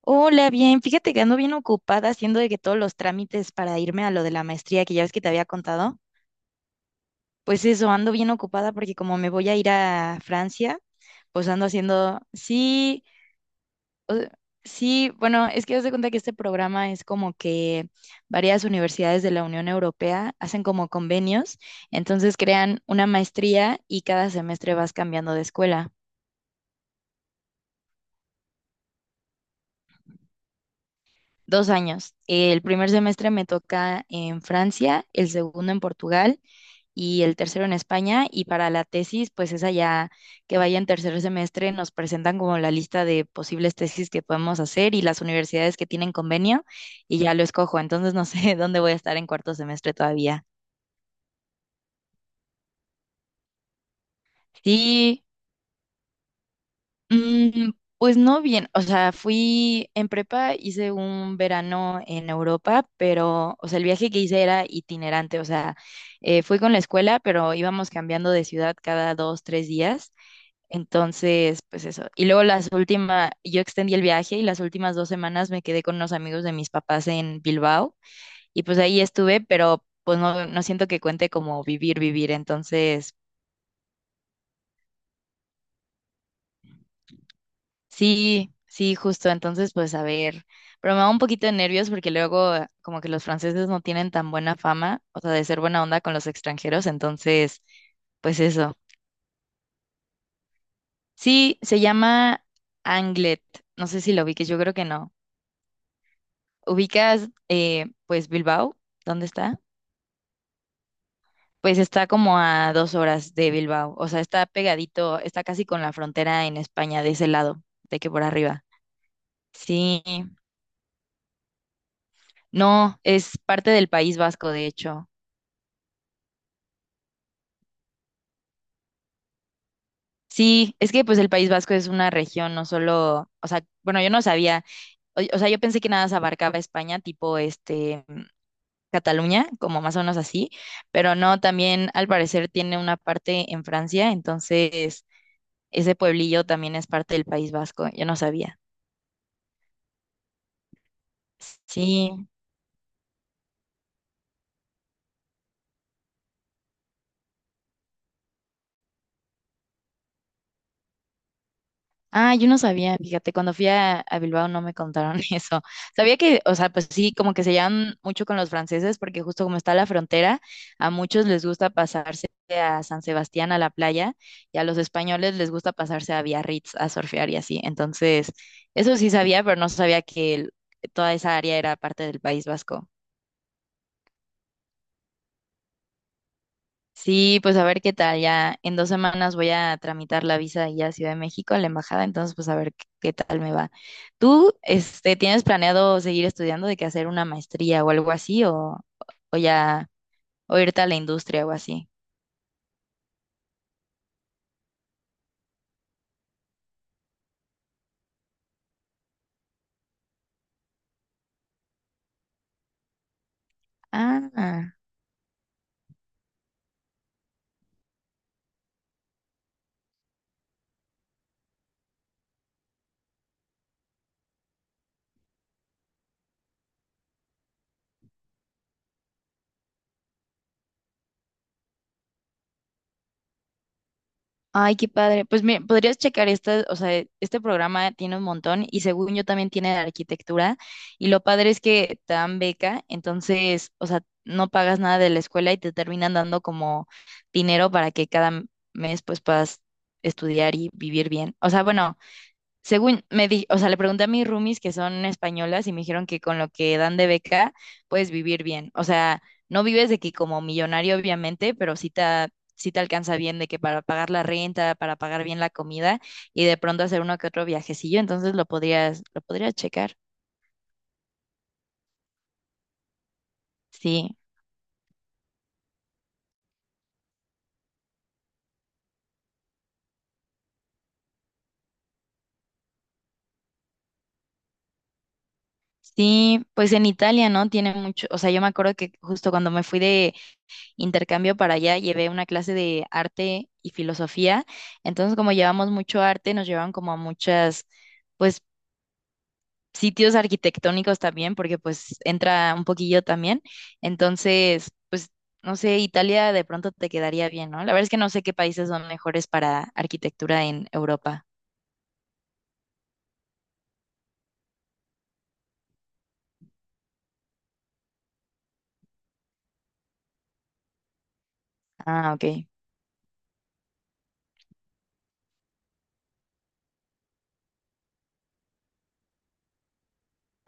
Hola, bien, fíjate que ando bien ocupada haciendo de que todos los trámites para irme a lo de la maestría que ya ves que te había contado, pues eso, ando bien ocupada porque como me voy a ir a Francia, pues ando haciendo, sí, o- sí, bueno, es que haz de cuenta que este programa es como que varias universidades de la Unión Europea hacen como convenios, entonces crean una maestría y cada semestre vas cambiando de escuela. 2 años. El primer semestre me toca en Francia, el segundo en Portugal y el tercero en España. Y para la tesis, pues esa ya que vaya en tercer semestre, nos presentan como la lista de posibles tesis que podemos hacer y las universidades que tienen convenio y ya lo escojo. Entonces no sé dónde voy a estar en cuarto semestre todavía. Sí, mm, pues no bien, o sea, fui en prepa, hice un verano en Europa, pero, o sea, el viaje que hice era itinerante, o sea, fui con la escuela, pero íbamos cambiando de ciudad cada 2, 3 días. Entonces, pues eso. Y luego las últimas, yo extendí el viaje y las últimas 2 semanas me quedé con unos amigos de mis papás en Bilbao y pues ahí estuve, pero pues no, no siento que cuente como vivir, vivir. Entonces, sí, sí, justo. Entonces, pues a ver, pero me da un poquito de nervios porque luego como que los franceses no tienen tan buena fama, o sea, de ser buena onda con los extranjeros. Entonces, pues eso. Sí, se llama Anglet. No sé si lo vi, que yo creo que no. ¿Ubicas, pues Bilbao, dónde está? Pues está como a 2 horas de Bilbao, o sea, está pegadito, está casi con la frontera en España de ese lado, de que por arriba. Sí, no, es parte del País Vasco, de hecho. Sí, es que pues el País Vasco es una región, no solo, o sea, bueno, yo no sabía, o sea, yo pensé que nada se abarcaba España, tipo este, Cataluña, como más o menos así, pero no, también al parecer tiene una parte en Francia, entonces ese pueblillo también es parte del País Vasco, yo no sabía. Sí. Ah, yo no sabía, fíjate, cuando fui a Bilbao no me contaron eso. Sabía que, o sea, pues sí, como que se llevan mucho con los franceses porque justo como está la frontera, a muchos les gusta pasarse a San Sebastián, a la playa, y a los españoles les gusta pasarse a Biarritz a surfear y así. Entonces, eso sí sabía, pero no sabía que toda esa área era parte del País Vasco. Sí, pues a ver qué tal. Ya en 2 semanas voy a tramitar la visa allá a Ciudad de México, a la embajada, entonces pues a ver qué, qué tal me va. ¿Tú, este, tienes planeado seguir estudiando de que hacer una maestría o algo así, o, ya o irte a la industria o así? Ah. Ay, qué padre. Pues mira, podrías checar esta, o sea, este programa tiene un montón y según yo también tiene de arquitectura y lo padre es que te dan beca, entonces, o sea, no pagas nada de la escuela y te terminan dando como dinero para que cada mes pues puedas estudiar y vivir bien. O sea, bueno, según me di, o sea, le pregunté a mis roomies que son españolas y me dijeron que con lo que dan de beca puedes vivir bien. O sea, no vives de que como millonario, obviamente, pero sí te alcanza bien de que para pagar la renta, para pagar bien la comida y de pronto hacer uno que otro viajecillo, entonces lo podrías checar. Sí. Sí, pues en Italia, ¿no? Tiene mucho, o sea, yo me acuerdo que justo cuando me fui de intercambio para allá, llevé una clase de arte y filosofía. Entonces, como llevamos mucho arte, nos llevaban como a muchas, pues, sitios arquitectónicos también, porque pues entra un poquillo también. Entonces, pues, no sé, Italia de pronto te quedaría bien, ¿no? La verdad es que no sé qué países son mejores para arquitectura en Europa. Ah, ok.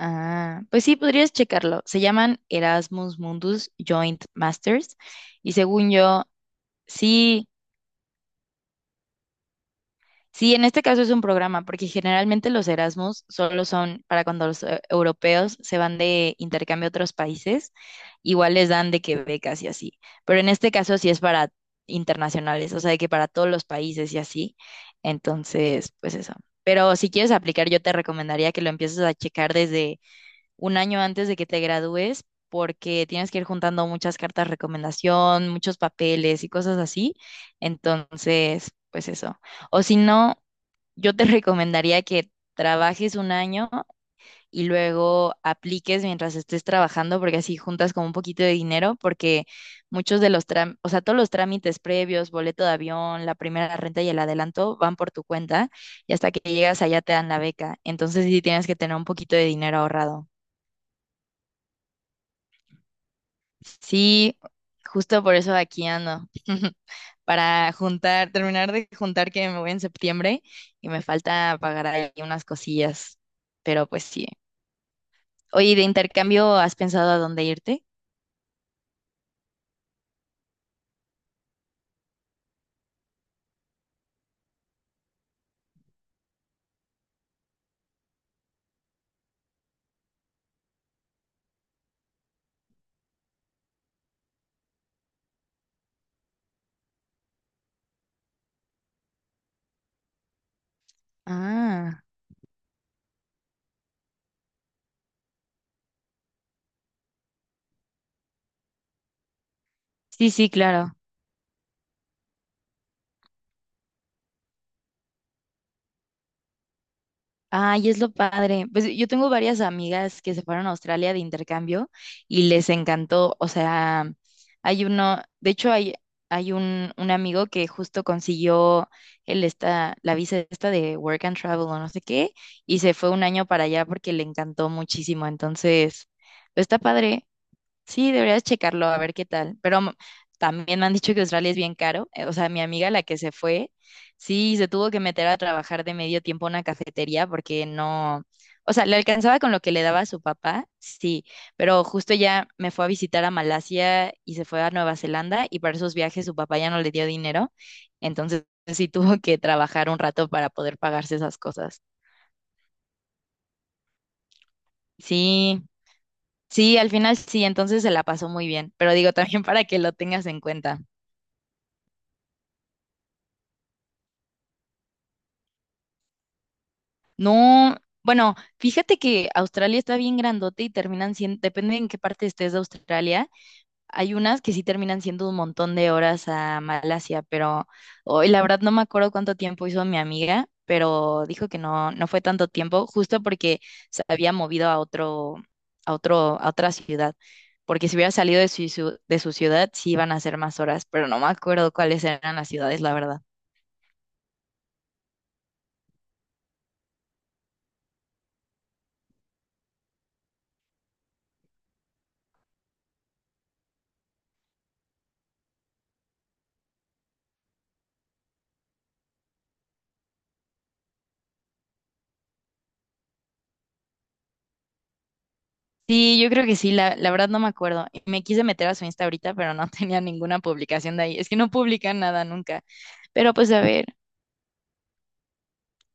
Ah, pues sí, podrías checarlo. Se llaman Erasmus Mundus Joint Masters y según yo, sí. Sí, en este caso es un programa, porque generalmente los Erasmus solo son para cuando los europeos se van de intercambio a otros países, igual les dan de que becas y así. Pero en este caso sí es para internacionales, o sea, de que para todos los países y así. Entonces, pues eso. Pero si quieres aplicar, yo te recomendaría que lo empieces a checar desde un año antes de que te gradúes, porque tienes que ir juntando muchas cartas de recomendación, muchos papeles y cosas así. Entonces, pues eso. O si no, yo te recomendaría que trabajes un año y luego apliques mientras estés trabajando, porque así juntas como un poquito de dinero, porque muchos de los trámites, o sea, todos los trámites previos, boleto de avión, la primera renta y el adelanto van por tu cuenta y hasta que llegas allá te dan la beca. Entonces sí tienes que tener un poquito de dinero ahorrado. Sí, justo por eso aquí ando, para juntar, terminar de juntar que me voy en septiembre y me falta pagar ahí unas cosillas, pero pues sí. Oye, ¿y de intercambio has pensado a dónde irte? Ah, sí, sí, claro. Ay, es lo padre. Pues yo tengo varias amigas que se fueron a Australia de intercambio y les encantó. O sea, hay uno, de hecho hay un amigo que justo consiguió la visa esta de Work and Travel o no sé qué, y se fue un año para allá porque le encantó muchísimo. Entonces, pues, está padre. Sí, deberías checarlo a ver qué tal. Pero también me han dicho que Australia es bien caro. O sea, mi amiga, la que se fue, sí, se tuvo que meter a trabajar de medio tiempo a una cafetería porque no, o sea, le alcanzaba con lo que le daba a su papá, sí, pero justo ya me fue a visitar a Malasia y se fue a Nueva Zelanda y para esos viajes su papá ya no le dio dinero. Entonces sí tuvo que trabajar un rato para poder pagarse esas cosas. Sí, sí, al final sí, entonces se la pasó muy bien. Pero digo, también para que lo tengas en cuenta. No, bueno, fíjate que Australia está bien grandote y terminan siendo, depende en qué parte estés de Australia, hay unas que sí terminan siendo un montón de horas a Malasia, pero hoy la verdad no me acuerdo cuánto tiempo hizo mi amiga, pero dijo que no, no fue tanto tiempo, justo porque se había movido a otro, a otra ciudad, porque si hubiera salido de su, de su ciudad sí iban a ser más horas, pero no me acuerdo cuáles eran las ciudades, la verdad. Sí, yo creo que sí, la verdad no me acuerdo. Me quise meter a su Insta ahorita, pero no tenía ninguna publicación de ahí. Es que no publican nada nunca. Pero pues a ver,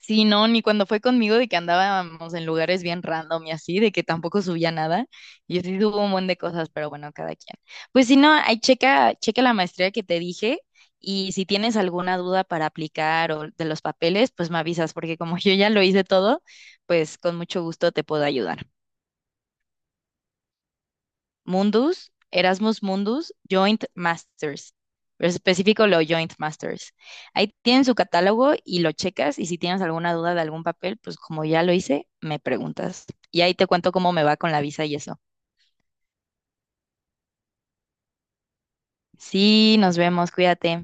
sí, no, ni cuando fue conmigo de que andábamos en lugares bien random y así, de que tampoco subía nada. Y así tuvo un montón de cosas, pero bueno, cada quien. Pues si no, ahí checa, checa la maestría que te dije y si tienes alguna duda para aplicar o de los papeles, pues me avisas, porque como yo ya lo hice todo, pues con mucho gusto te puedo ayudar. Mundus, Erasmus Mundus, Joint Masters. Pero específico lo Joint Masters. Ahí tienen su catálogo y lo checas y si tienes alguna duda de algún papel, pues como ya lo hice, me preguntas. Y ahí te cuento cómo me va con la visa y eso. Sí, nos vemos, cuídate.